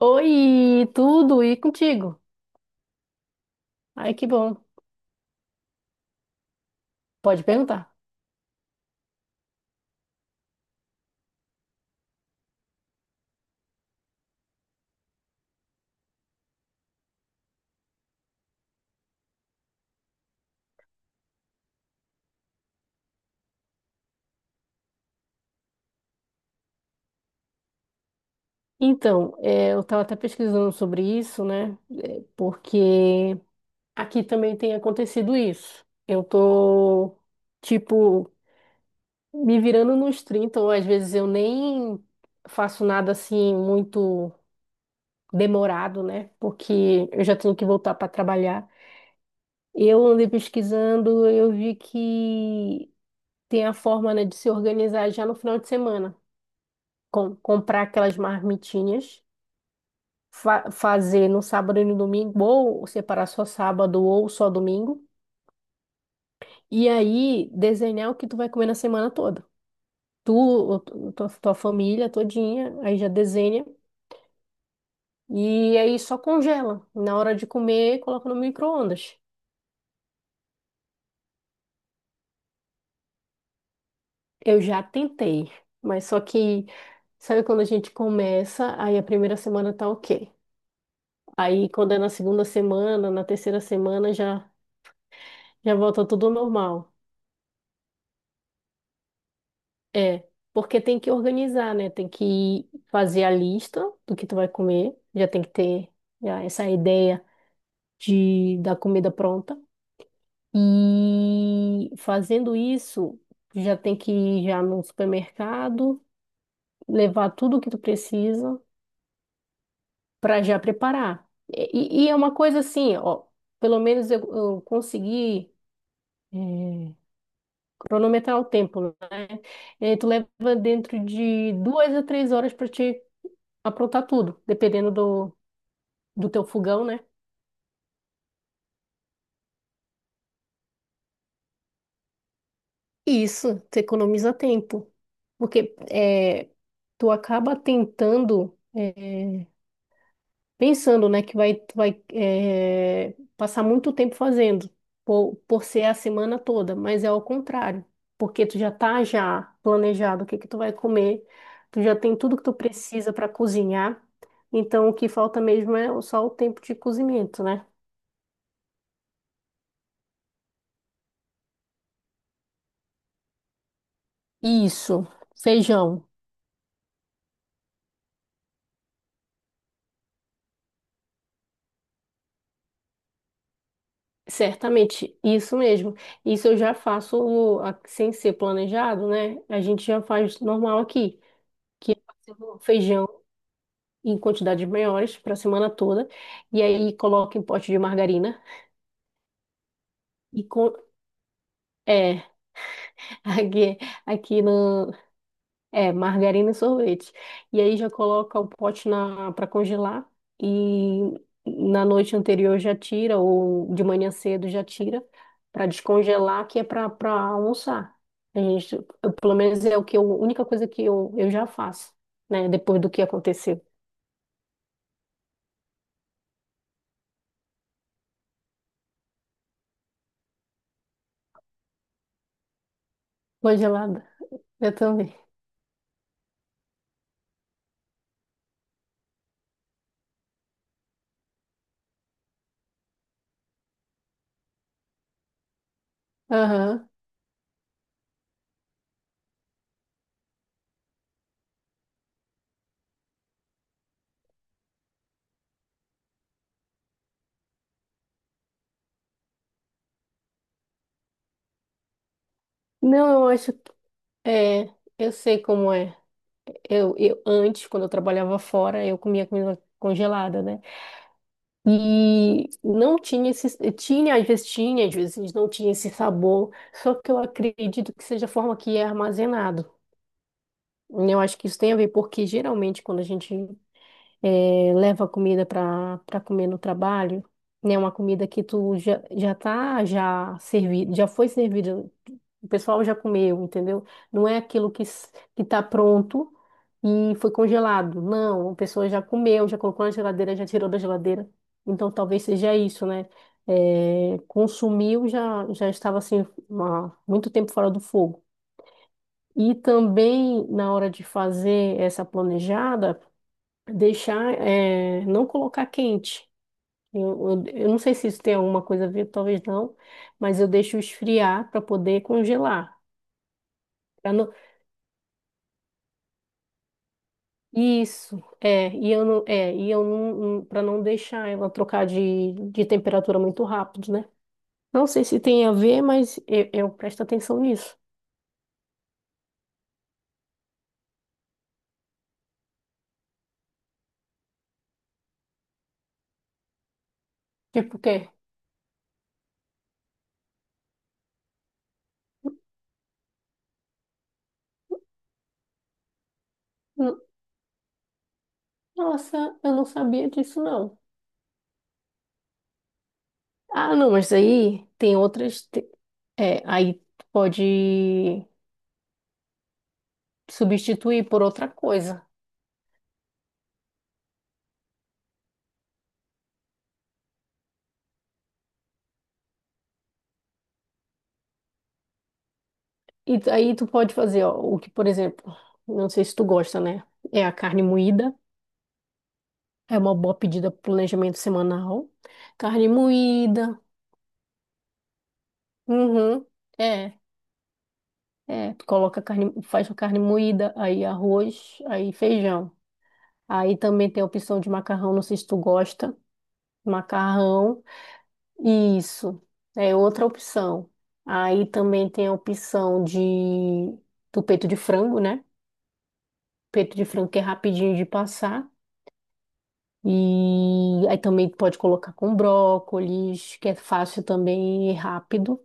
Oi, tudo e contigo? Ai, que bom. Pode perguntar. Então, é, eu estava até pesquisando sobre isso, né? É, porque aqui também tem acontecido isso. Eu tô, tipo, me virando nos 30, ou às vezes eu nem faço nada assim muito demorado, né? Porque eu já tenho que voltar para trabalhar. Eu andei pesquisando, eu vi que tem a forma, né, de se organizar já no final de semana. Comprar aquelas marmitinhas, fazer no sábado e no domingo, ou separar só sábado ou só domingo, e aí desenhar o que tu vai comer na semana toda. Tu, o- tu- tua, tua família todinha, aí já desenha, e aí só congela. Na hora de comer, coloca no micro-ondas. Eu já tentei, mas só que, sabe quando a gente começa, aí a primeira semana tá ok. Aí quando é na segunda semana, na terceira semana já volta tudo ao normal. É, porque tem que organizar, né? Tem que fazer a lista do que tu vai comer. Já tem que ter já essa ideia de da comida pronta. E fazendo isso, já tem que ir já no supermercado, levar tudo o que tu precisa para já preparar. E é uma coisa assim, ó, pelo menos eu consegui eh, cronometrar o tempo, né? E aí tu leva dentro de duas a três horas para te aprontar tudo, dependendo do teu fogão, né? E isso, tu economiza tempo, porque tu acaba tentando, pensando, né, tu vai passar muito tempo fazendo, por ser a semana toda, mas é ao contrário, porque tu já tá já planejado o que que tu vai comer, tu já tem tudo que tu precisa para cozinhar, então o que falta mesmo é só o tempo de cozimento, né? Isso, feijão. Certamente, isso mesmo. Isso eu já faço sem ser planejado, né? A gente já faz normal aqui, que eu faço feijão em quantidades maiores para a semana toda, e aí coloco em pote de margarina e é aqui, aqui no. É, margarina e sorvete. E aí já coloca o pote na para congelar e na noite anterior já tira ou de manhã cedo já tira para descongelar, que é para almoçar. Pelo menos é o que eu, a única coisa que eu já faço, né, depois do que aconteceu. Congelada. Eu também. Aham. Não, eu acho que é, eu sei como é. Eu antes, quando eu trabalhava fora, eu comia comida congelada, né? E não tinha esse, tinha, às vezes não tinha esse sabor, só que eu acredito que seja a forma que é armazenado. Eu acho que isso tem a ver, porque geralmente quando a gente leva comida para comer no trabalho, né? Uma comida que tu já tá já servido, já foi servida, o pessoal já comeu, entendeu? Não é aquilo que tá pronto e foi congelado. Não, a pessoa já comeu, já colocou na geladeira, já tirou da geladeira. Então talvez seja isso, né? Consumiu, já estava assim, há muito tempo fora do fogo. E também na hora de fazer essa planejada, deixar, não colocar quente. Eu não sei se isso tem alguma coisa a ver, talvez não, mas eu deixo esfriar para poder congelar. Pra não, isso, e eu não, para não deixar ela trocar de temperatura muito rápido, né? Não sei se tem a ver, mas eu presto atenção nisso. Tipo o quê? N- Nossa, eu não sabia disso, não. Ah, não, mas aí tem outras. É, aí pode substituir por outra coisa. E aí tu pode fazer, ó, o que, por exemplo, não sei se tu gosta, né? É a carne moída, é uma boa pedida pro planejamento semanal. Carne moída, uhum, é, tu coloca carne, faz a carne moída, aí arroz, aí feijão. Aí também tem a opção de macarrão, não sei se tu gosta, macarrão, isso, é outra opção. Aí também tem a opção do peito de frango, né? Peito de frango que é rapidinho de passar. E aí também pode colocar com brócolis, que é fácil também e rápido.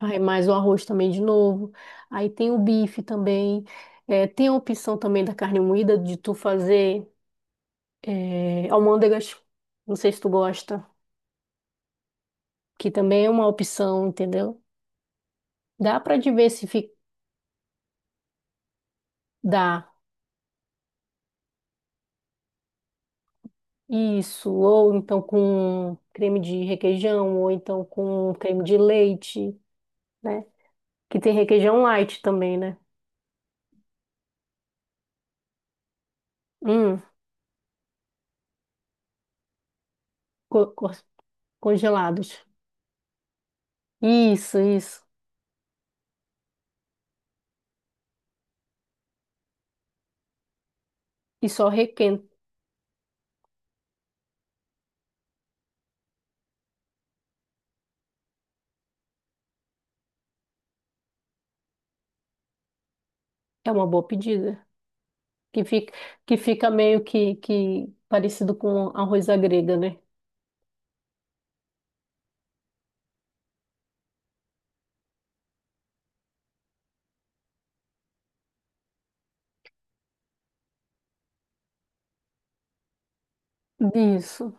Aí mais o arroz também de novo. Aí tem o bife também. É, tem a opção também da carne moída de tu fazer almôndegas. Não sei se tu gosta, que também é uma opção, entendeu? Dá para diversificar isso, ou então com creme de requeijão, ou então com creme de leite, né? Que tem requeijão light também, né? Hum. co- co- congelados. Isso, isso. E só requenta. É uma boa pedida. Que fica, que fica meio que parecido com arroz à grega, né? Isso.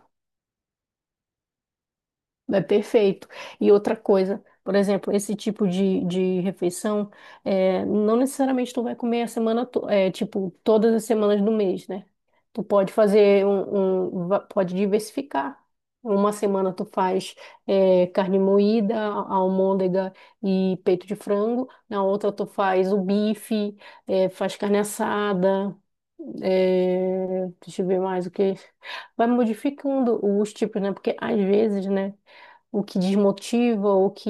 É perfeito. E outra coisa, por exemplo, esse tipo de refeição, não necessariamente tu vai comer a semana, tipo, todas as semanas do mês, né? Tu pode fazer, pode diversificar. Uma semana tu faz carne moída, almôndega e peito de frango. Na outra tu faz o bife, faz carne assada. Deixa eu ver mais o que. Vai modificando os tipos, né? Porque às vezes, né? O que desmotiva, o que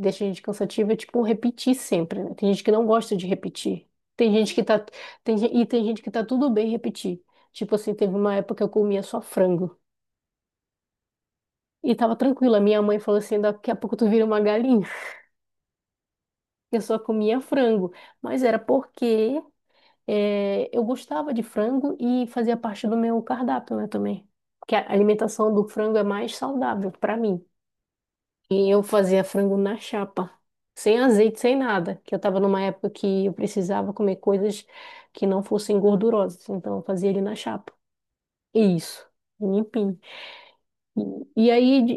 deixa a gente cansativo é tipo repetir sempre, né? Tem gente que não gosta de repetir. Tem gente que tá tem, gen- e tem gente que tá tudo bem repetir. Tipo assim, teve uma época que eu comia só frango e tava tranquila. Minha mãe falou assim, daqui a pouco tu vira uma galinha. Eu só comia frango, mas era porque eu gostava de frango e fazia parte do meu cardápio, né, também. Porque a alimentação do frango é mais saudável para mim. E eu fazia frango na chapa, sem azeite, sem nada, que eu estava numa época que eu precisava comer coisas que não fossem gordurosas, então eu fazia ele na chapa. E isso, limpinho. E aí, de-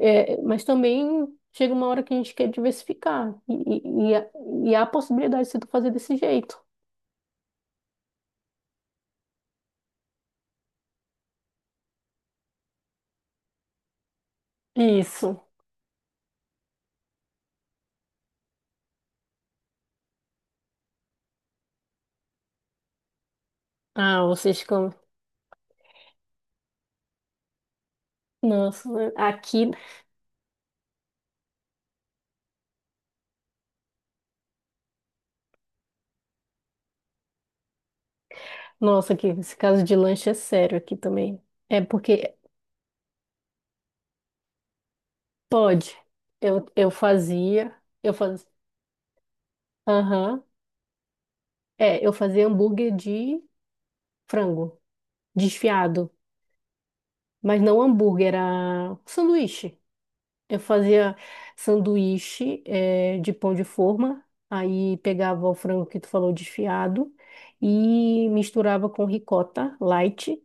é, mas também chega uma hora que a gente quer diversificar, e há a possibilidade de tu fazer desse jeito. Isso. Ah, vocês comem. Nossa, aqui, nossa, aqui, esse caso de lanche é sério aqui também. É porque. Pode. Eu fazia, aham. É, eu fazia hambúrguer de frango, desfiado, mas não hambúrguer, era sanduíche. Eu fazia sanduíche, de pão de forma, aí pegava o frango que tu falou desfiado e misturava com ricota light.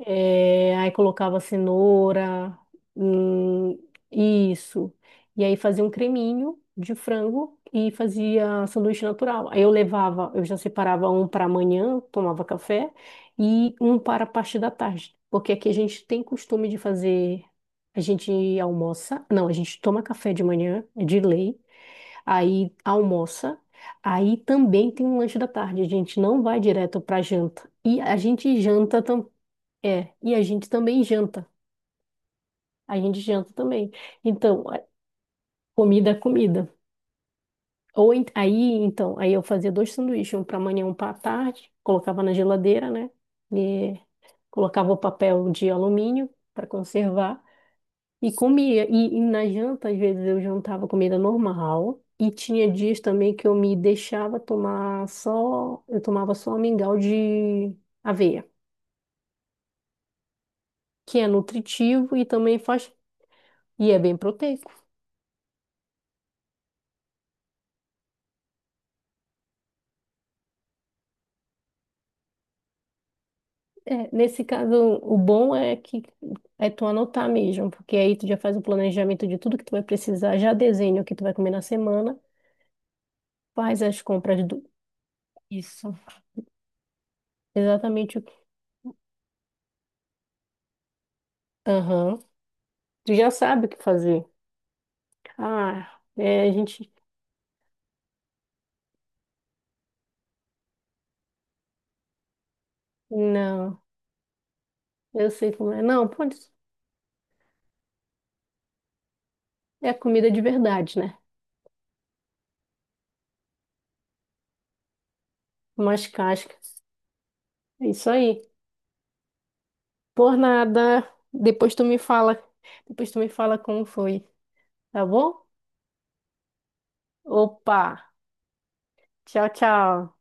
É, aí colocava cenoura, hum, isso. E aí fazia um creminho de frango e fazia sanduíche natural. Aí eu já separava um para amanhã, tomava café, e um para a parte da tarde. Porque aqui a gente tem costume de fazer, a gente almoça, não, a gente toma café de manhã, é de lei, aí almoça. Aí também tem um lanche da tarde, a gente não vai direto para janta. E a gente janta também. É, e a gente também janta. A gente janta também. Então, comida é comida. Ou ent- aí, então, aí eu fazia dois sanduíches, um para manhã, um para tarde, colocava na geladeira, né? E colocava o papel de alumínio para conservar e comia. E na janta, às vezes eu jantava comida normal. E tinha dias também que eu me deixava tomar só, eu tomava só mingau de aveia, que é nutritivo e também faz, e é bem proteico. É, nesse caso, o bom é que é tu anotar mesmo, porque aí tu já faz o planejamento de tudo que tu vai precisar, já desenha o que tu vai comer na semana, faz as compras do... Isso, exatamente o que... Aham. Tu já sabe o que fazer. Ah, é, a gente... Não, eu sei como é. Não, pode... É comida de verdade, né? Umas cascas. É isso aí. Por nada. Depois tu me fala. Depois tu me fala como foi, tá bom? Opa! Tchau, tchau.